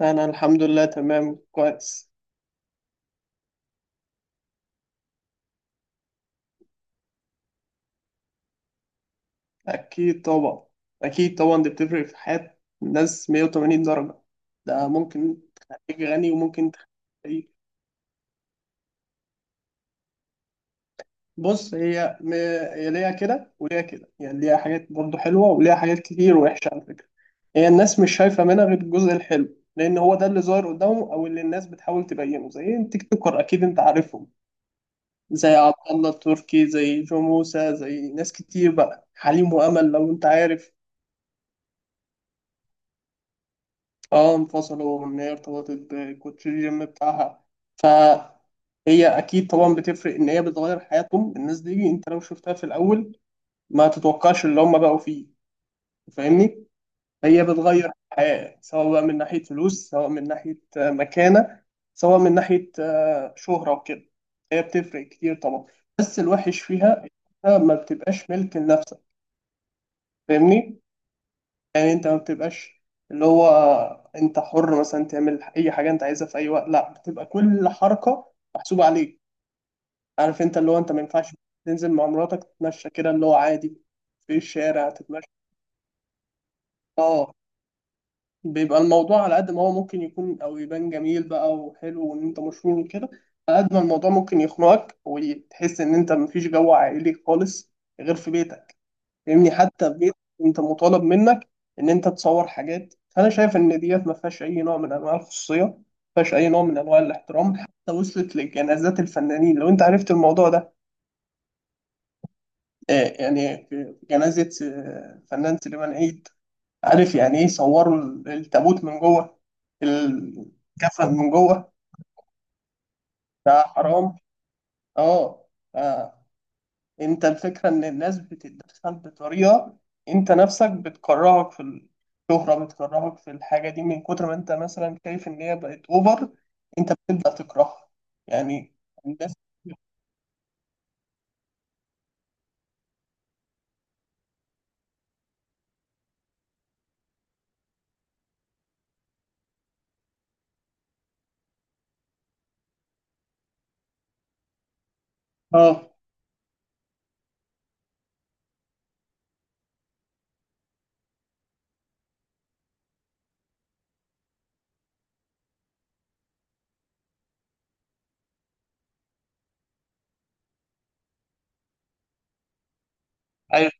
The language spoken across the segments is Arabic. انا الحمد لله تمام كويس. اكيد طبعا. اكيد طبعا دي بتفرق في حياة الناس 180 درجة. ده ممكن تخليك غني وممكن تخليك إيه؟ بص، هي ليها كده وليها كده، يعني ليها حاجات برضه حلوة وليها حاجات كتير وحشة على فكرة. هي الناس مش شايفة منها غير الجزء الحلو، لان هو ده اللي ظاهر قدامهم او اللي الناس بتحاول تبينه، زي التيك توكر، اكيد انت عارفهم، زي عبد الله التركي، زي جو موسى، زي ناس كتير بقى، حليم وامل لو انت عارف. اه انفصلوا، وان هي ارتبطت بكوتش الجيم بتاعها. فهي اكيد طبعا بتفرق، ان هي بتغير حياتهم الناس دي، انت لو شفتها في الاول ما تتوقعش اللي هم بقوا فيه. فاهمني؟ هي بتغير حياة، سواء بقى من ناحية فلوس، سواء من ناحية مكانة، سواء من ناحية شهرة وكده. هي بتفرق كتير طبعا. بس الوحش فيها إنها ما بتبقاش ملك لنفسك. فاهمني؟ يعني انت ما بتبقاش اللي هو انت حر مثلا تعمل اي حاجه انت عايزها في اي وقت، لا بتبقى كل حركه محسوبه عليك. عارف، انت اللي هو انت ما ينفعش تنزل مع مراتك تتمشى كده اللي هو عادي في الشارع تتمشى. اه. بيبقى الموضوع على قد ما هو ممكن يكون او يبان جميل بقى وحلو وان انت مشهور وكده، على قد ما الموضوع ممكن يخنقك وتحس ان انت مفيش جو عائلي خالص غير في بيتك. فاهمني؟ حتى في بيت انت مطالب منك ان انت تصور حاجات. فانا شايف ان ديت ما فيهاش اي نوع من انواع الخصوصيه، ما فيهاش اي نوع من انواع الاحترام، حتى وصلت لجنازات الفنانين لو انت عرفت الموضوع ده. يعني في جنازه فنان سليمان عيد، عارف يعني ايه؟ صوروا التابوت من جوه، الكفن من جوه. ده حرام. اه. آه. انت الفكرة ان الناس بتتدخل بطريقة انت نفسك بتكرهك في الشهرة، بتكرهك في الحاجة دي، من كتر ما انت مثلا شايف ان هي بقت اوفر انت بتبدأ تكرهها، يعني. الناس. اه. ايوه.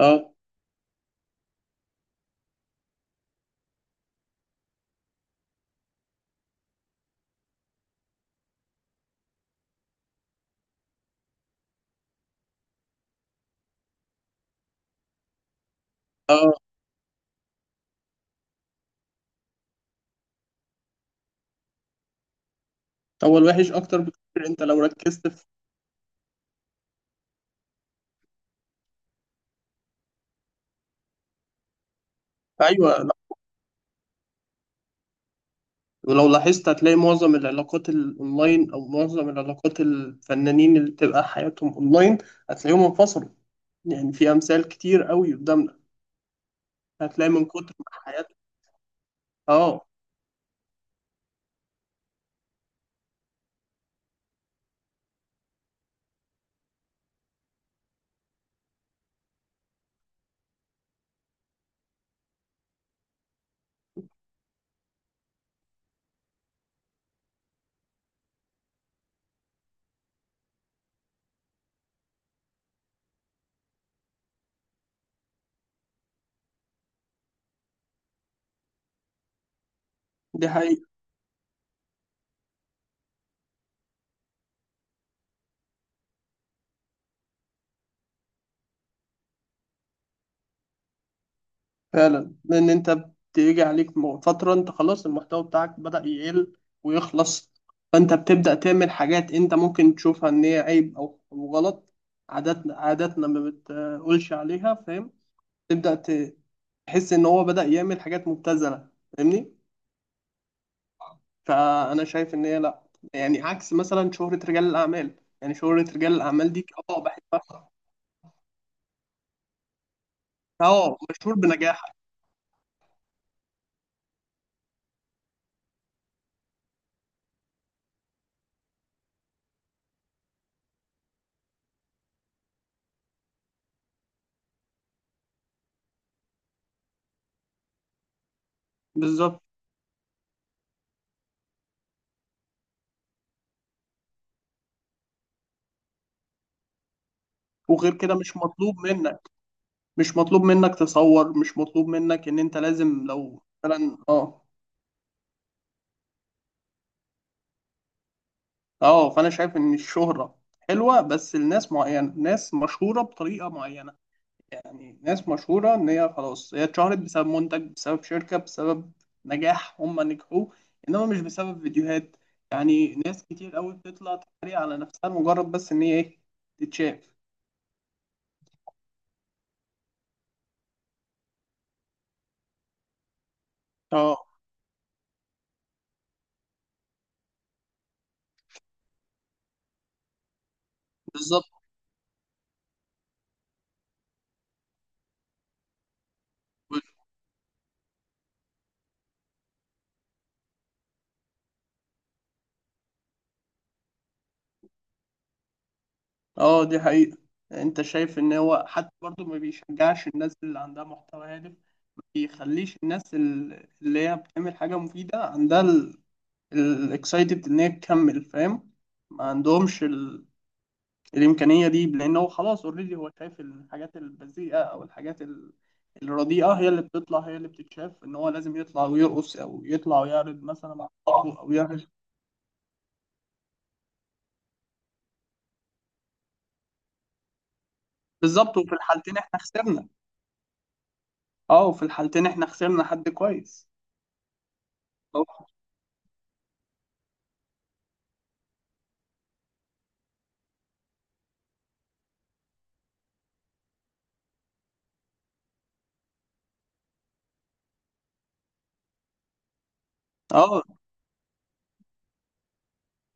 اه. اه. هو الوحش اكتر بكتير، انت لو ركزت في. ايوه، لا. ولو لاحظت هتلاقي معظم العلاقات الاونلاين او معظم العلاقات الفنانين اللي بتبقى حياتهم اونلاين هتلاقيهم انفصلوا. يعني في امثال كتير قوي قدامنا. هتلاقي من كتر ما حياتهم. اه دي حقيقة. فعلا، لأن أنت بتيجي عليك فترة أنت خلاص المحتوى بتاعك بدأ يقل ويخلص، فأنت بتبدأ تعمل حاجات أنت ممكن تشوفها إن هي عيب أو غلط. عاداتنا، عاداتنا ما بتقولش عليها، فاهم؟ تبدأ تحس إن هو بدأ يعمل حاجات مبتذلة. فاهمني؟ فأنا شايف إن هي لأ. يعني عكس مثلا شهرة رجال الأعمال، يعني شهرة رجال الأعمال دي اه بحبها. اه، مشهور بنجاحك. بالظبط. وغير كده مش مطلوب منك، مش مطلوب منك تصور، مش مطلوب منك ان انت لازم لو مثلا اه اه. فانا شايف ان الشهرة حلوة بس لناس معينة، ناس مشهورة بطريقة معينة. يعني ناس مشهورة ان هي خلاص هي اتشهرت بسبب منتج، بسبب شركة، بسبب نجاح هم نجحوه، انما مش بسبب فيديوهات. يعني ناس كتير قوي بتطلع تتريق على نفسها مجرد بس ان هي ايه، تتشاف. اه، بالظبط. اه دي حقيقة. انت شايف ان هو حتى برضه ما بيشجعش الناس اللي عندها محتوى هادف، بيخليش الناس اللي هي بتعمل حاجة مفيدة عندها الاكسايتد إن هي تكمل، فاهم؟ ما عندهمش الإمكانية دي، لأن هو خلاص أوريدي هو شايف الحاجات البذيئة أو الحاجات الرديئة هي اللي بتطلع هي اللي بتتشاف، إن هو لازم يطلع ويرقص أو يطلع ويعرض مثلا مع صحابه أو يعرض. بالظبط، وفي الحالتين إحنا خسرنا. أه، وفي الحالتين إحنا خسرنا حد كويس. أه.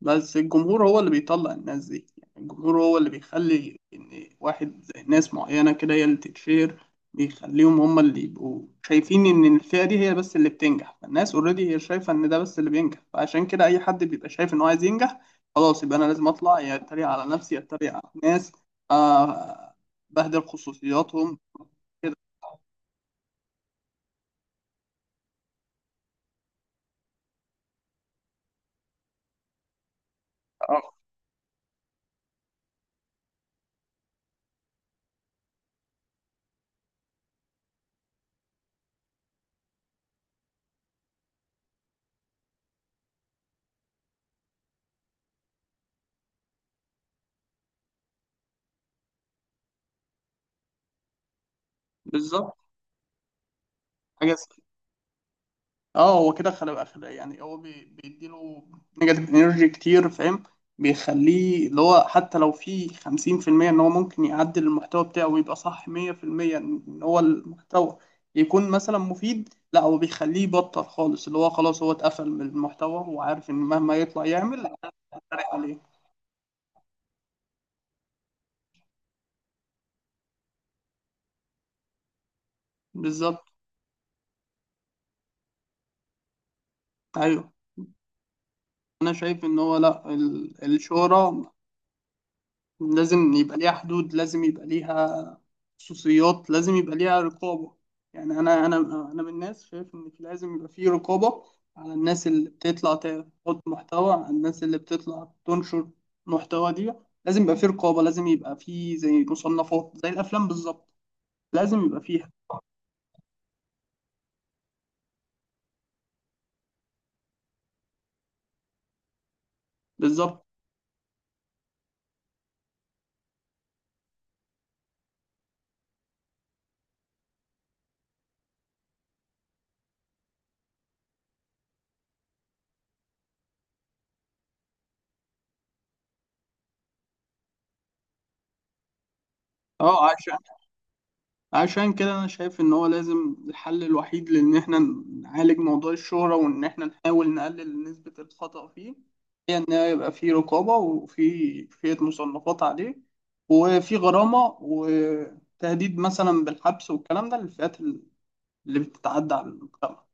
بس الجمهور هو اللي بيطلع الناس دي، يعني الجمهور هو اللي بيخلي إن واحد زي ناس معينة كده هي اللي تتشير، بيخليهم هم اللي يبقوا شايفين إن الفئة دي هي بس اللي بتنجح، فالناس أوريدي هي شايفة إن ده بس اللي بينجح. فعشان كده أي حد بيبقى شايف إن هو عايز ينجح خلاص يبقى أنا لازم أطلع، يا أتريق على نفسي يا أتريق على الناس، آه، بهدل خصوصياتهم كده. آه، بالظبط. حاجة. اه، هو كده يعني هو بيديله نيجاتيف انرجي كتير، فاهم؟ بيخليه اللي هو حتى لو في 50% ان هو ممكن يعدل المحتوى بتاعه ويبقى صح 100%، ان هو المحتوى يكون مثلا مفيد، لا هو بيخليه يبطل خالص اللي هو خلاص هو اتقفل من المحتوى، وعارف ان مهما يطلع يعمل هيتحرق عليه. بالظبط. ايوه. انا شايف ان هو لا الشهرة لازم يبقى ليها حدود، لازم يبقى ليها خصوصيات، لازم يبقى ليها رقابة. يعني أنا أنا من الناس شايف إن لازم يبقى في رقابة على الناس اللي بتطلع تحط محتوى، على الناس اللي بتطلع تنشر محتوى دي. لازم يبقى في رقابة، لازم يبقى في زي مصنفات زي الأفلام بالظبط، لازم يبقى فيها بالظبط. اه، عشان كده انا شايف ان هو لازم، الحل الوحيد لان احنا نعالج موضوع الشهرة وان احنا نحاول نقلل نسبة الخطأ فيه، هي ان يبقى في رقابة وفي كفاية مصنفات عليه، وفي غرامة وتهديد مثلا بالحبس والكلام ده للفئات اللي بتتعدى على المجتمع.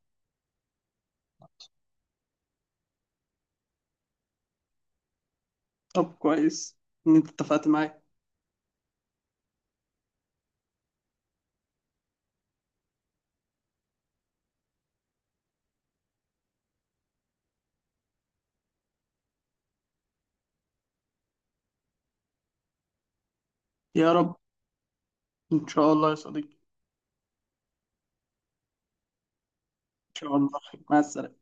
طب كويس، ان انت اتفقت معايا. يا رب، ان شاء الله يا صديقي. ان شاء الله. مع السلامة.